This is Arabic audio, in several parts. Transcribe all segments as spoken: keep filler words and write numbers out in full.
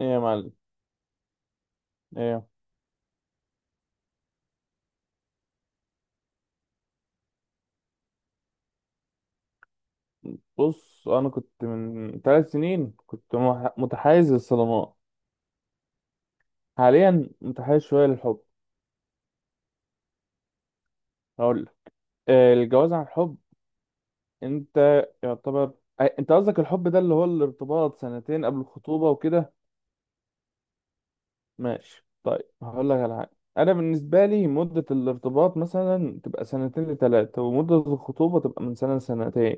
ايه يا معلم، ايه. بص، انا كنت من ثلاث سنين كنت مح- متحيز للصدمات. حاليا متحيز شويه للحب. هقول لك. آه، الجواز عن الحب. انت يعتبر. آه، انت قصدك الحب ده اللي هو الارتباط سنتين قبل الخطوبه وكده. ماشي طيب، هقول لك على حاجه. انا بالنسبه لي مده الارتباط مثلا تبقى سنتين لثلاثه، ومده الخطوبه تبقى من سنه لسنتين.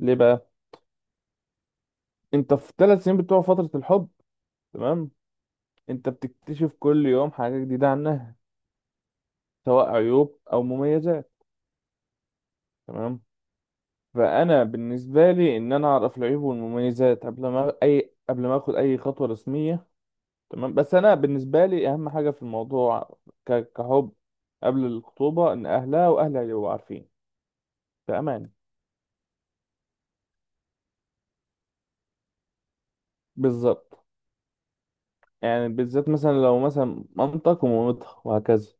ليه بقى؟ انت في ثلاث سنين بتوع فتره الحب، تمام، انت بتكتشف كل يوم حاجه جديده عنها، سواء عيوب او مميزات، تمام. فانا بالنسبه لي ان انا اعرف العيوب والمميزات قبل ما اي قبل ما اخد اي خطوه رسميه، تمام. بس انا بالنسبه لي اهم حاجه في الموضوع ك- كحب قبل الخطوبه ان اهلها واهلها يبقوا عارفين في امان. بالظبط. يعني بالذات مثلا لو مثلا مامتك ومامتها وهكذا،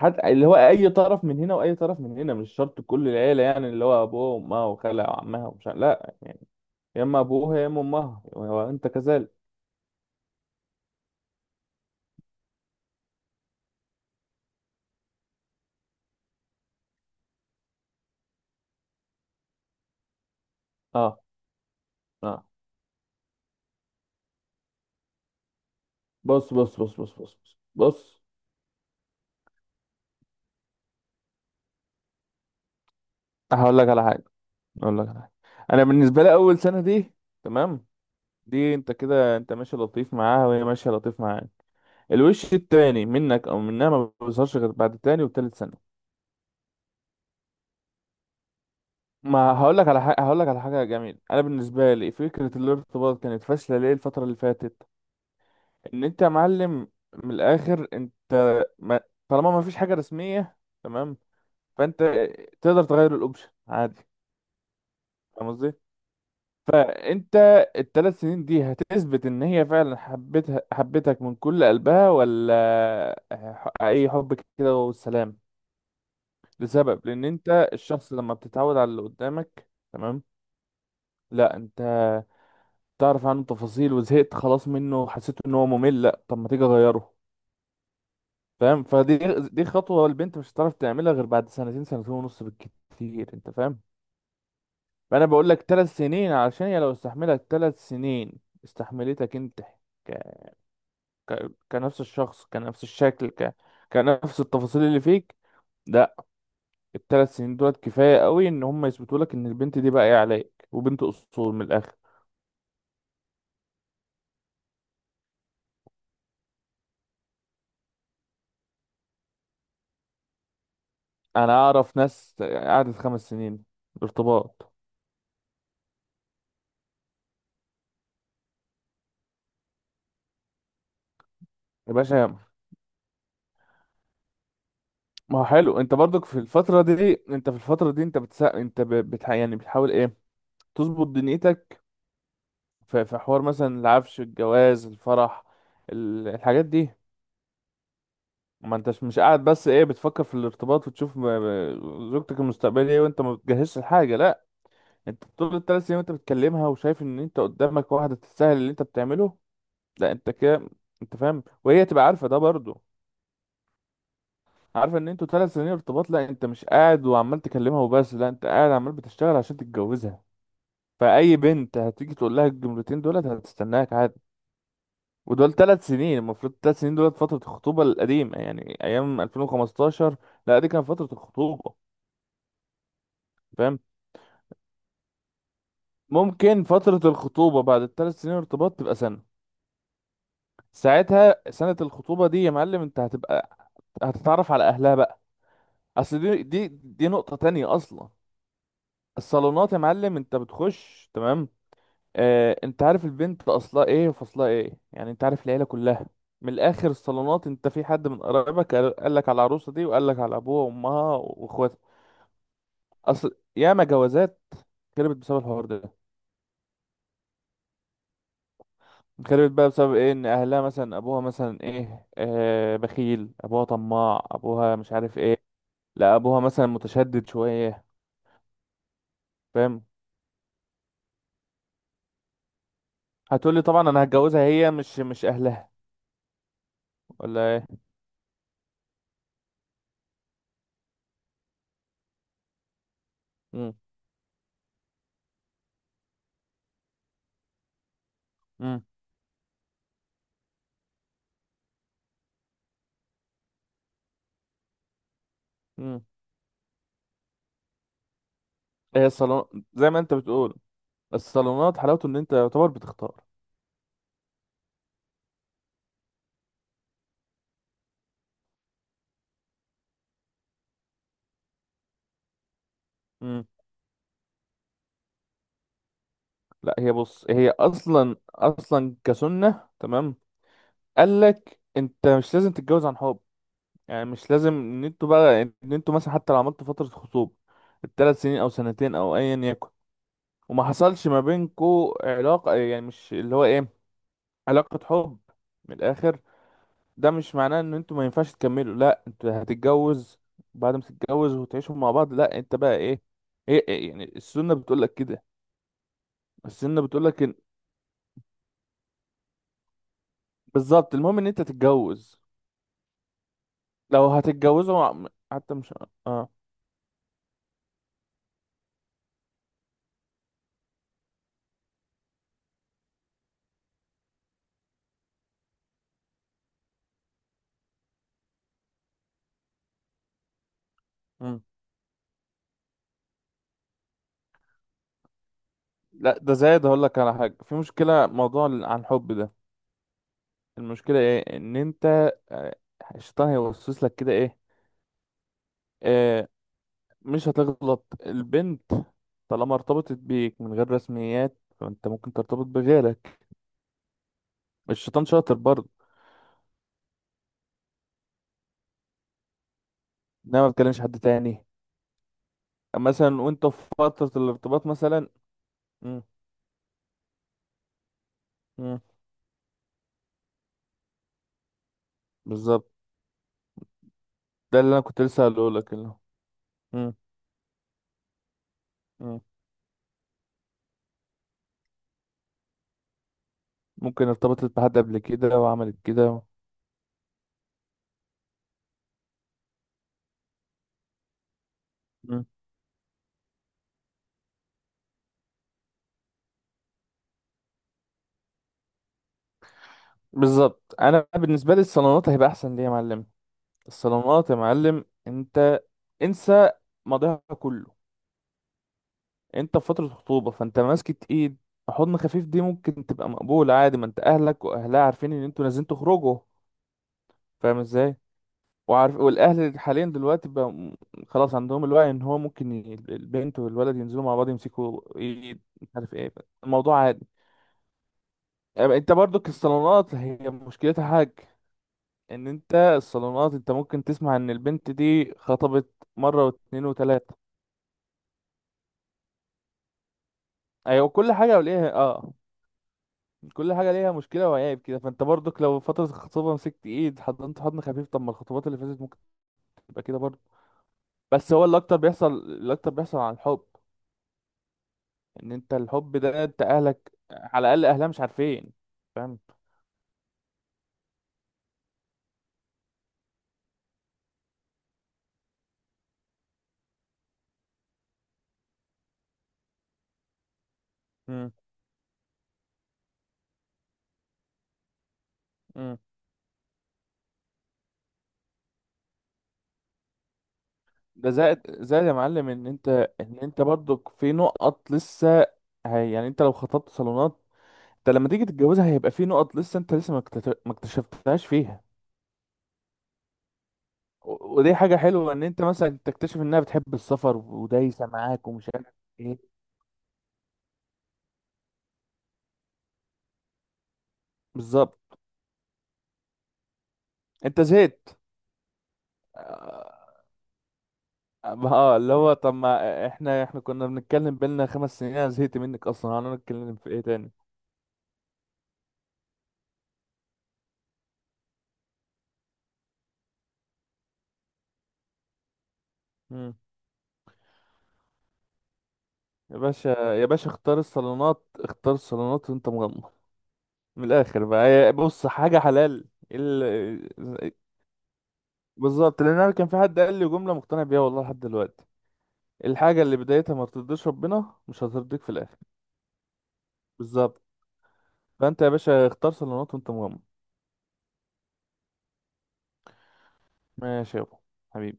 حتى اللي هو اي طرف من هنا واي طرف من هنا، مش شرط كل العيله يعني اللي هو ابوها وامها وخالها وعمها ومش عارف- لا، يا اما ابوها يا اما امها وانت كذلك. اه. آه. بص بص بص بص بص بص بص هقول لك على حاجه هقول لك على حاجه انا بالنسبه لي اول سنه دي، تمام، دي انت كده انت ماشي لطيف معاها وهي ماشيه لطيف معاك. الوش التاني منك او منها ما بيظهرش غير بعد تاني وتالت سنه. ما هقول لك على حاجه، هقول لك على حاجه جميله. انا بالنسبه لي فكره الارتباط كانت فاشله ليه الفتره اللي فاتت؟ ان انت يا معلم، من الاخر انت، ما طالما ما فيش حاجه رسميه، تمام، فانت تقدر تغير الاوبشن عادي. فاهم قصدي؟ فانت الثلاث سنين دي هتثبت ان هي فعلا حبتها حبتك من كل قلبها، ولا ح- اي حب كده والسلام. لسبب لان انت الشخص لما بتتعود على اللي قدامك، تمام، لا انت تعرف عنه تفاصيل وزهقت خلاص منه، حسيت ان هو ممل. لا طب ما تيجي اغيره. فاهم؟ فدي دي خطوة البنت مش هتعرف تعملها غير بعد سنتين سنتين ونص بالكتير، انت فاهم. فانا بقول لك ثلاث سنين علشان هي لو استحملت ثلاث سنين استحملتك انت، ك... كنفس الشخص كنفس الشكل ك... كنفس التفاصيل اللي فيك. لا، الثلاث سنين دولت كفاية قوي ان هم يثبتوا لك ان البنت دي باقية عليك وبنت اصول من الاخر. انا اعرف ناس قعدت خمس سنين ارتباط يا باشا. ما هو حلو، انت برضك في الفترة دي انت في الفترة دي انت بتسا... انت ب... بتح... يعني بتحاول ايه؟ تظبط دنيتك، في... في حوار مثلا العفش، الجواز، الفرح، ال- الحاجات دي. ما انتش مش قاعد بس ايه بتفكر في الارتباط وتشوف م- م- زوجتك المستقبلية ايه، وانت ما بتجهزش الحاجة. لا، انت طول الثلاث سنين وانت بتكلمها وشايف ان انت قدامك واحدة تستاهل اللي انت بتعمله. لا انت كده، انت فاهم، وهي تبقى عارفة ده برضو، عارفة ان انتوا ثلاث سنين ارتباط. لا انت مش قاعد وعمال تكلمها وبس، لا انت قاعد عمال بتشتغل عشان تتجوزها. فأي بنت هتيجي تقول لها الجملتين دولت هتستناك عادي. ودول ثلاث سنين المفروض، ثلاث سنين دولت فترة الخطوبة القديمة يعني أيام ألفين وخمستاشر. لا دي كانت فترة الخطوبة. فاهم؟ ممكن فترة الخطوبة بعد الثلاث سنين ارتباط تبقى سنة. ساعتها سنة الخطوبة دي يا معلم، انت هتبقى هتتعرف على اهلها بقى. اصل دي دي دي نقطة تانية اصلا. الصالونات يا معلم انت بتخش تمام، اه، انت عارف البنت اصلها ايه وفصلها ايه، يعني انت عارف العيلة كلها. من الاخر الصالونات، انت في حد من قرايبك قال قال لك على العروسة دي وقال لك على ابوها وامها واخواتها. اصل ياما جوازات خربت بسبب الحوار ده. خربت بقى بسبب ايه؟ ان اهلها مثلا، ابوها مثلا ايه، آه، بخيل، ابوها طماع، ابوها مش عارف ايه. لا، ابوها مثلا متشدد شويه. فاهم؟ هتقولي طبعا انا هتجوزها هي، مش مش اهلها. ولا ايه؟ امم. امم. امم. هي الصالون زي ما انت بتقول، الصالونات حلاوته ان انت يعتبر بتختار. امم. لا هي، بص، هي اصلا اصلا كسنه، تمام، قال لك انت مش لازم تتجوز عن حب. يعني مش لازم ان انتوا بقى ان انتوا مثلا حتى لو عملتوا فترة خطوبة الثلاث سنين او سنتين او ايا يكن، وما حصلش ما بينكوا علاقة يعني مش اللي هو ايه، علاقة حب، من الاخر، ده مش معناه ان انتوا ما ينفعش تكملوا. لا انتوا هتتجوز، بعد ما تتجوز وتعيشوا مع بعض، لا انت بقى ايه، ايه, إيه يعني، السنة بتقول لك كده. السنة بتقول لك إن... بالظبط، المهم ان انت تتجوز. لو هتتجوزوا مع- حتى مش. اه. مم. لا، ده زايد. هقول لك على حاجة، في مشكلة موضوع عن الحب ده. المشكلة ايه؟ ان انت آه، الشيطان هيوسوس لك كده ايه؟ آه، مش هتغلط البنت، طالما ارتبطت بيك من غير رسميات فانت ممكن ترتبط بغيرك. الشيطان شاطر برضه. انما ما بتكلمش حد تاني مثلا وانت في فترة الارتباط مثلا. مم. مم. بالظبط. ده اللي انا كنت لسه هقوله لك اللي هو. مم. مم. ممكن ارتبطت بحد قبل كده وعملت كده. مم. بالظبط، انا بالنسبة لي الصالونات هيبقى احسن ليه يا معلم. الصالونات يا معلم، انت انسى ماضيها كله. انت في فترة خطوبة، فانت ماسكة ايد، حضن خفيف، دي ممكن تبقى مقبولة عادي، ما انت اهلك واهلها عارفين ان انتوا نازلين تخرجوا. فاهم ازاي؟ وعارف، والاهل حاليا دلوقتي بقى م- خلاص عندهم الوعي ان هو ممكن ي- البنت والولد ينزلوا مع بعض يمسكوا ايد مش عارف ايه. الموضوع عادي. أما انت برضو الصالونات هي مشكلتها حاجة، ان انت الصالونات انت ممكن تسمع ان البنت دي خطبت مرة واتنين وتلاتة. ايوه، كل حاجه وليها اه، كل حاجه ليها مشكله وعيب كده. فانت برضك لو فتره الخطوبه مسكت ايد حضنت حضن خفيف، طب ما الخطوبات اللي فاتت ممكن تبقى كده برضه. بس هو اللي اكتر بيحصل، اللي اكتر بيحصل عن الحب، ان انت الحب ده انت اهلك على الاقل اهلها مش عارفين. فاهم؟ امم. امم. ده زائد زائد يا معلم، ان انت ان انت برضك في نقط لسه، هي يعني انت لو خطبت صالونات، انت لما تيجي تتجوزها هيبقى في نقط لسه انت لسه ما اكتت- ما اكتشفتهاش فيها. و- ودي حاجة حلوة ان انت مثلا تكتشف انها بتحب السفر ودايسة معاك ومش عارف ايه. بالظبط. انت زهقت. اه. آه، اللي هو طب ما احنا احنا كنا بنتكلم بينا خمس سنين، انا زهقت منك اصلا، انا نتكلم في ايه تاني؟ مم. يا باشا يا باشا، اختار الصالونات اختار الصالونات وانت مغمض. من الاخر بقى، هي- بص، حاجة حلال. ال... بالظبط، لان انا كان في حد قال لي جملة مقتنع بيها والله لحد دلوقتي. الحاجة اللي بدايتها ما بترضيش ربنا مش هترضيك في الاخر. بالظبط. فانت يا باشا اختار صالونات وانت مغمض. ماشي يابا. حبيبي.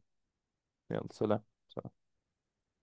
يلا سلام.